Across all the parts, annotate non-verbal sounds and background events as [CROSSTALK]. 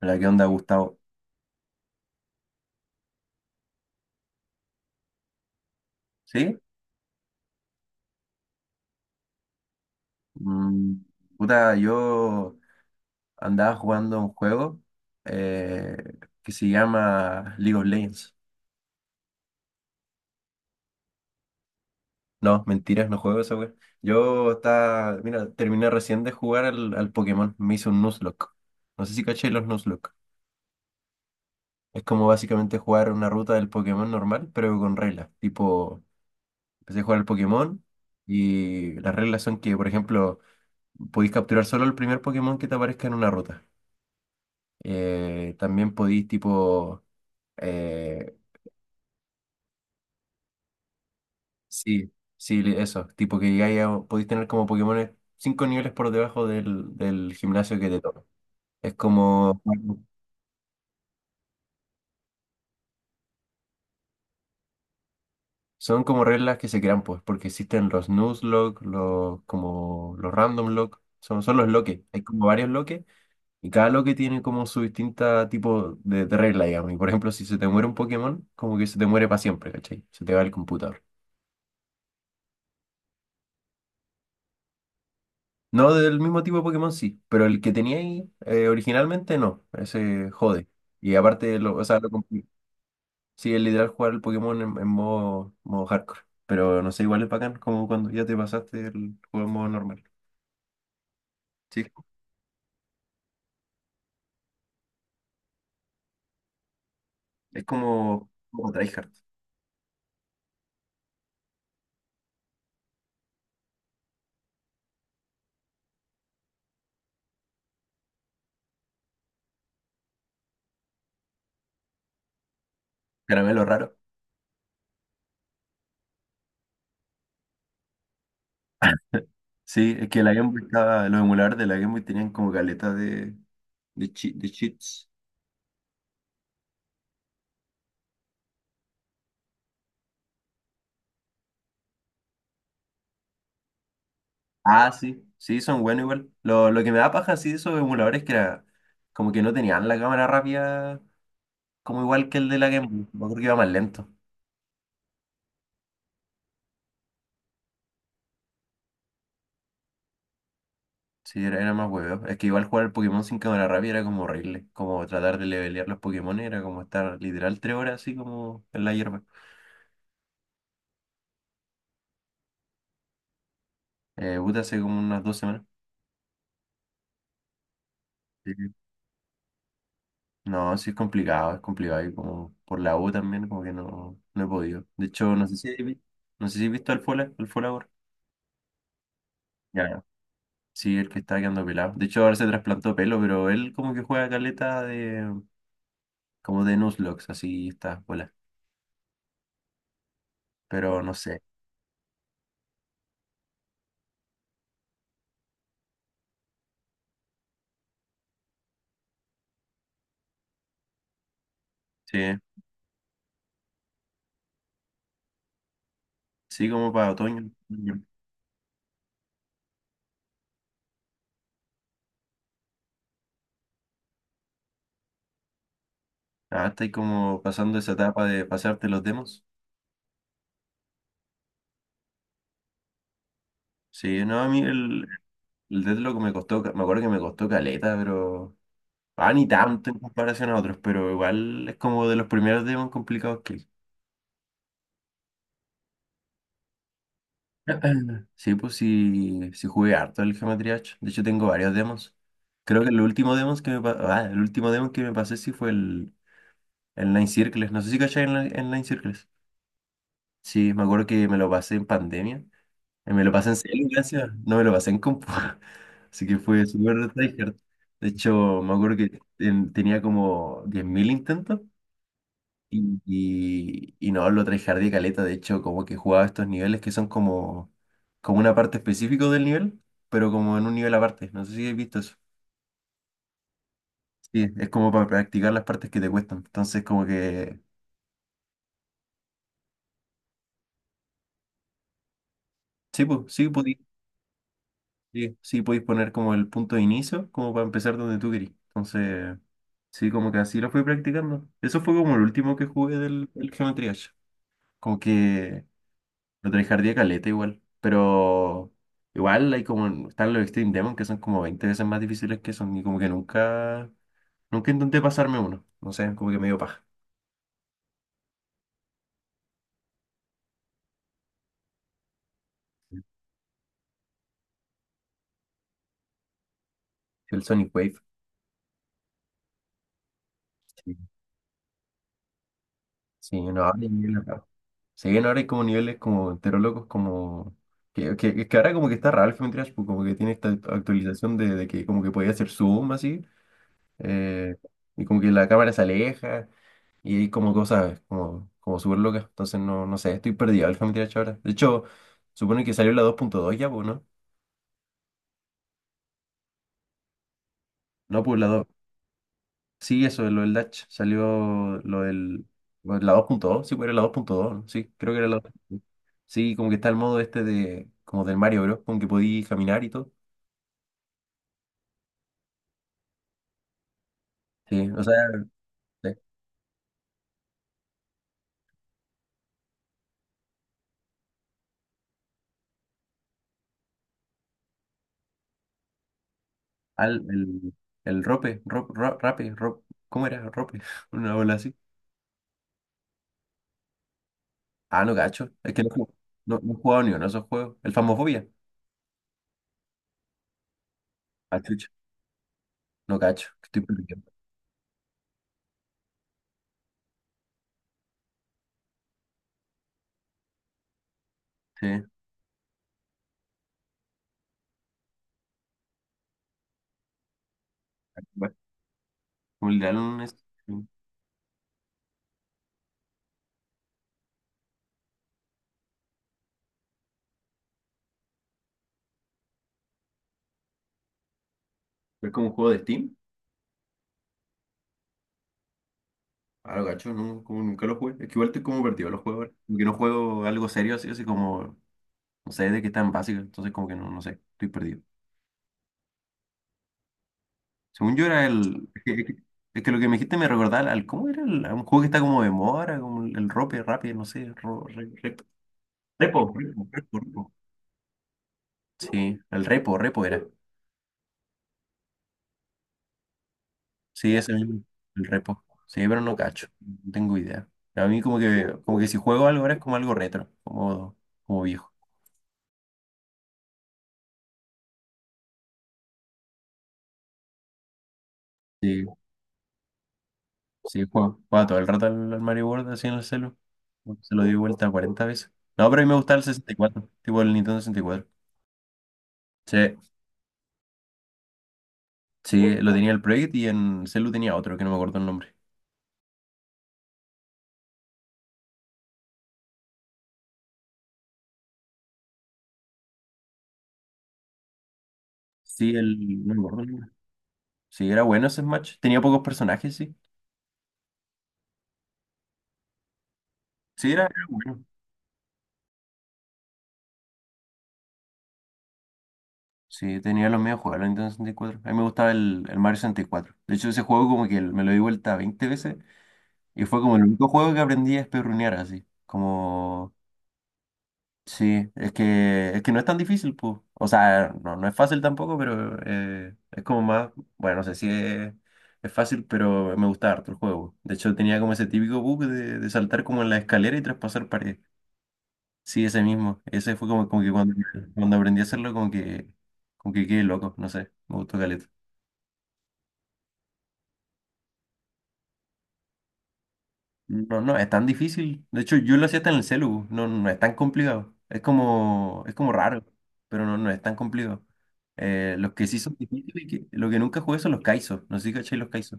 Hola, ¿qué onda, Gustavo? ¿Sí? Mm, Puta, yo andaba jugando un juego eh, que se llama League of Legends. No, mentiras, no juego esa wea. Yo estaba, mira, terminé recién de jugar al Pokémon, me hizo un Nuzlocke. No sé si caché los Nuzlocke. Es como básicamente jugar una ruta del Pokémon normal, pero con reglas. Tipo, empecé a jugar al Pokémon y las reglas son que, por ejemplo, podéis capturar solo el primer Pokémon que te aparezca en una ruta. También podís tipo, eh, sí, sí, eso, tipo que llegáis a- podís tener como Pokémones 5 niveles por debajo del gimnasio que te toca. Es como, son como reglas que se crean pues, porque existen los Nuzlocke, los, como los Random Lock, son los loques, hay como varios loques y cada loque tiene como su distinta tipo de regla, digamos. Y por ejemplo, si se te muere un Pokémon, como que se te muere para siempre, ¿cachai? Se te va el computador. No del mismo tipo de Pokémon sí, pero el que tenía ahí originalmente no, ese jode. Y aparte, o sea, sí, es literal jugar el Pokémon en modo hardcore, pero no sé, igual es bacán como cuando ya te pasaste el juego en modo normal. Sí, es como tryhard, caramelo raro. [LAUGHS] Sí, es que la Game Boy estaba, los emuladores de la Game Boy tenían como galeta de cheats. Ah, sí, sí, son buenos igual. Lo que me da paja, sí, de esos emuladores que era como que no tenían la cámara rápida como igual que el de la Game Boy. Me acuerdo que iba más lento. Sí, era más huevo. Es que igual jugar el Pokémon sin cámara rápida era como horrible. Como tratar de levelear los Pokémon era como estar literal 3 horas así como en la hierba. Puta, hace como unas 2 semanas. Sí. No, sí es complicado, es complicado. Y como por la U también, como que no he podido. De hecho, no sé si has visto al Fola ahora. Ya, ya. Sí, el que está quedando pelado. De hecho, ahora se trasplantó pelo, pero él como que juega caleta de, como de Nuzlocke, así está, Fola. Pero no sé. Sí. Sí, como para otoño. Ah, estáis como pasando esa etapa de pasarte los demos. Sí, no, a mí el Deathlock me costó, me acuerdo que me costó caleta, pero. Ah, ni tanto en comparación a otros, pero igual es como de los primeros demos complicados que hay. [CLEARS THROAT] Sí, pues sí jugué harto el Geometry Dash. De hecho, tengo varios demos. Creo que el último demo que me pasé sí fue el Nine Circles. No sé si cachai en Nine Circles. Sí, me acuerdo que me lo pasé en pandemia. Me lo pasé en celu, gracias. No me lo pasé en compu. [LAUGHS] Así que fue súper tryhard. De hecho, me acuerdo que tenía como 10.000 intentos. Y no, lo tryhardé caleta. De hecho, como que jugaba estos niveles que son como una parte específica del nivel, pero como en un nivel aparte. No sé si habéis visto eso. Sí, es como para practicar las partes que te cuestan. Entonces, como que. Sí, pues, sí, podéis poner como el punto de inicio, como para empezar donde tú querís. Entonces. Sí, como que así lo fui practicando. Eso fue como el último que jugué del Geometry Dash. Como que lo tryhardé caleta igual. Pero igual hay como están los Extreme Demon que son como 20 veces más difíciles que son. Y como que nunca intenté pasarme uno. No sé, como que me dio paja. El Sonic Wave. Sí, sí, no, ahora hay niveles raros. Sí, no, ahora hay como niveles como entero locos, como. Que ahora como que está raro el Geometry Dash, pues como que tiene esta actualización de que como que podía hacer zoom así. eh, y como que la cámara se aleja y hay como cosas como súper locas. Entonces no, no sé, estoy perdido el Family Dash ahora. De hecho, supone que salió la 2.2 ya, pues, ¿no? No, pues la dos. Sí, eso, lo del Dash. Salió lo del. Bueno, la 2.2, sí, pues era la 2.2, ¿no? Sí, creo que era la 2.2. Sí, como que está el modo este de. Como del Mario Bros. Con que podí caminar y todo. Sí, o sea, sí. Al, el rope, rop, ro- rape, rop, ¿Cómo era? Rope, [LAUGHS] una bola así. Ah, no cacho. Es que no he jugado ni uno de esos juegos. El Phasmophobia. Ah, chucha. No cacho, que estoy perdiendo. Sí. Bueno, como el de Alan es como un juego de Steam. Ah, no cacho. No, como nunca lo jugué. Es que igual estoy como perdido en los juegos ahora. Como que no juego algo serio así, así como. No sé de qué tan básico. Entonces, como que no sé. Estoy perdido. Según yo era el. Es que lo que me dijiste me recordaba al. ¿Cómo era? A un juego que está como de moda, ¿ahora? Como el Rope, Rappi, no sé. Repo. Sí, el Repo, Repo era. Sí, ese mismo, el repo. Sí, pero no cacho, no tengo idea. A mí como que, si juego algo ahora es como algo retro, como viejo. Sí, sí, juego todo el rato al Mario World así en el celu. Se lo di vuelta 40 veces. No, pero a mí me gustaba el 64, tipo el Nintendo 64. Sí, sí, lo tenía el Project y en celu tenía otro que no me acuerdo el nombre. Sí, no me acuerdo el nombre. Sí, era bueno ese Smash. Tenía pocos personajes, sí. Sí, era bueno. Sí, tenía los medios juegos, el Nintendo 64. A mí me gustaba el Mario 64. De hecho, ese juego como que me lo di vuelta 20 veces y fue como el único juego que aprendí a esperrunear así. Como, sí, es que no es tan difícil, pues. O sea, no es fácil tampoco, pero es como más, bueno, no sé si es fácil, pero me gustaba harto el juego. De hecho, tenía como ese típico bug de saltar como en la escalera y traspasar paredes. Sí, ese mismo. Ese fue como, como que cuando aprendí a hacerlo, como que quedé loco, no sé, me gustó caleta. No, no es tan difícil. De hecho, yo lo hacía hasta en el celu. No, no es tan complicado. Es como raro, pero no es tan complicado. Los que sí son difíciles, lo que nunca jugué son los kaisos. No sé si cachai los kaisos.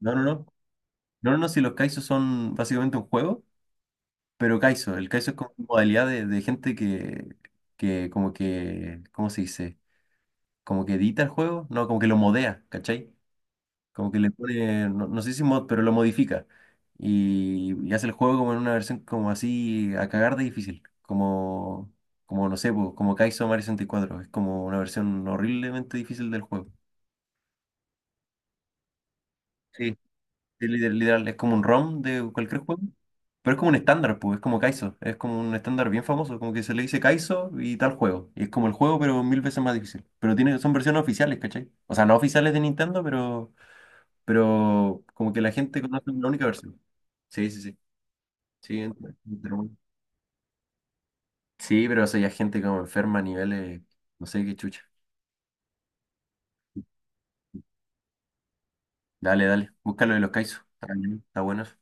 No, no, no. No, no, no, si los kaisos son básicamente un juego, pero kaiso. El kaiso es como una modalidad de gente que como que, ¿cómo se dice? Como que edita el juego. No, como que lo modea, ¿cachai? Como que le pone, no sé si mod, pero lo modifica. Y hace el juego como en una versión como así a cagar de difícil. Como no sé, po, como Kaizo Mario 64. Es como una versión horriblemente difícil del juego. Sí, sí, literal, es como un ROM de cualquier juego. Pero es como un estándar, pues, es como Kaizo. Es como un estándar bien famoso. Como que se le dice Kaizo y tal juego. Y es como el juego, pero mil veces más difícil. Pero son versiones oficiales, ¿cachai? O sea, no oficiales de Nintendo, pero como que la gente conoce la única versión. Sí, sí, sí. Sí, entre uno. Sí, pero eso ya es gente como enferma a niveles, no sé qué chucha. Dale, dale, búscalo de los Kaizo. Está bien, está bueno eso.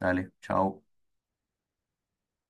Dale, chao.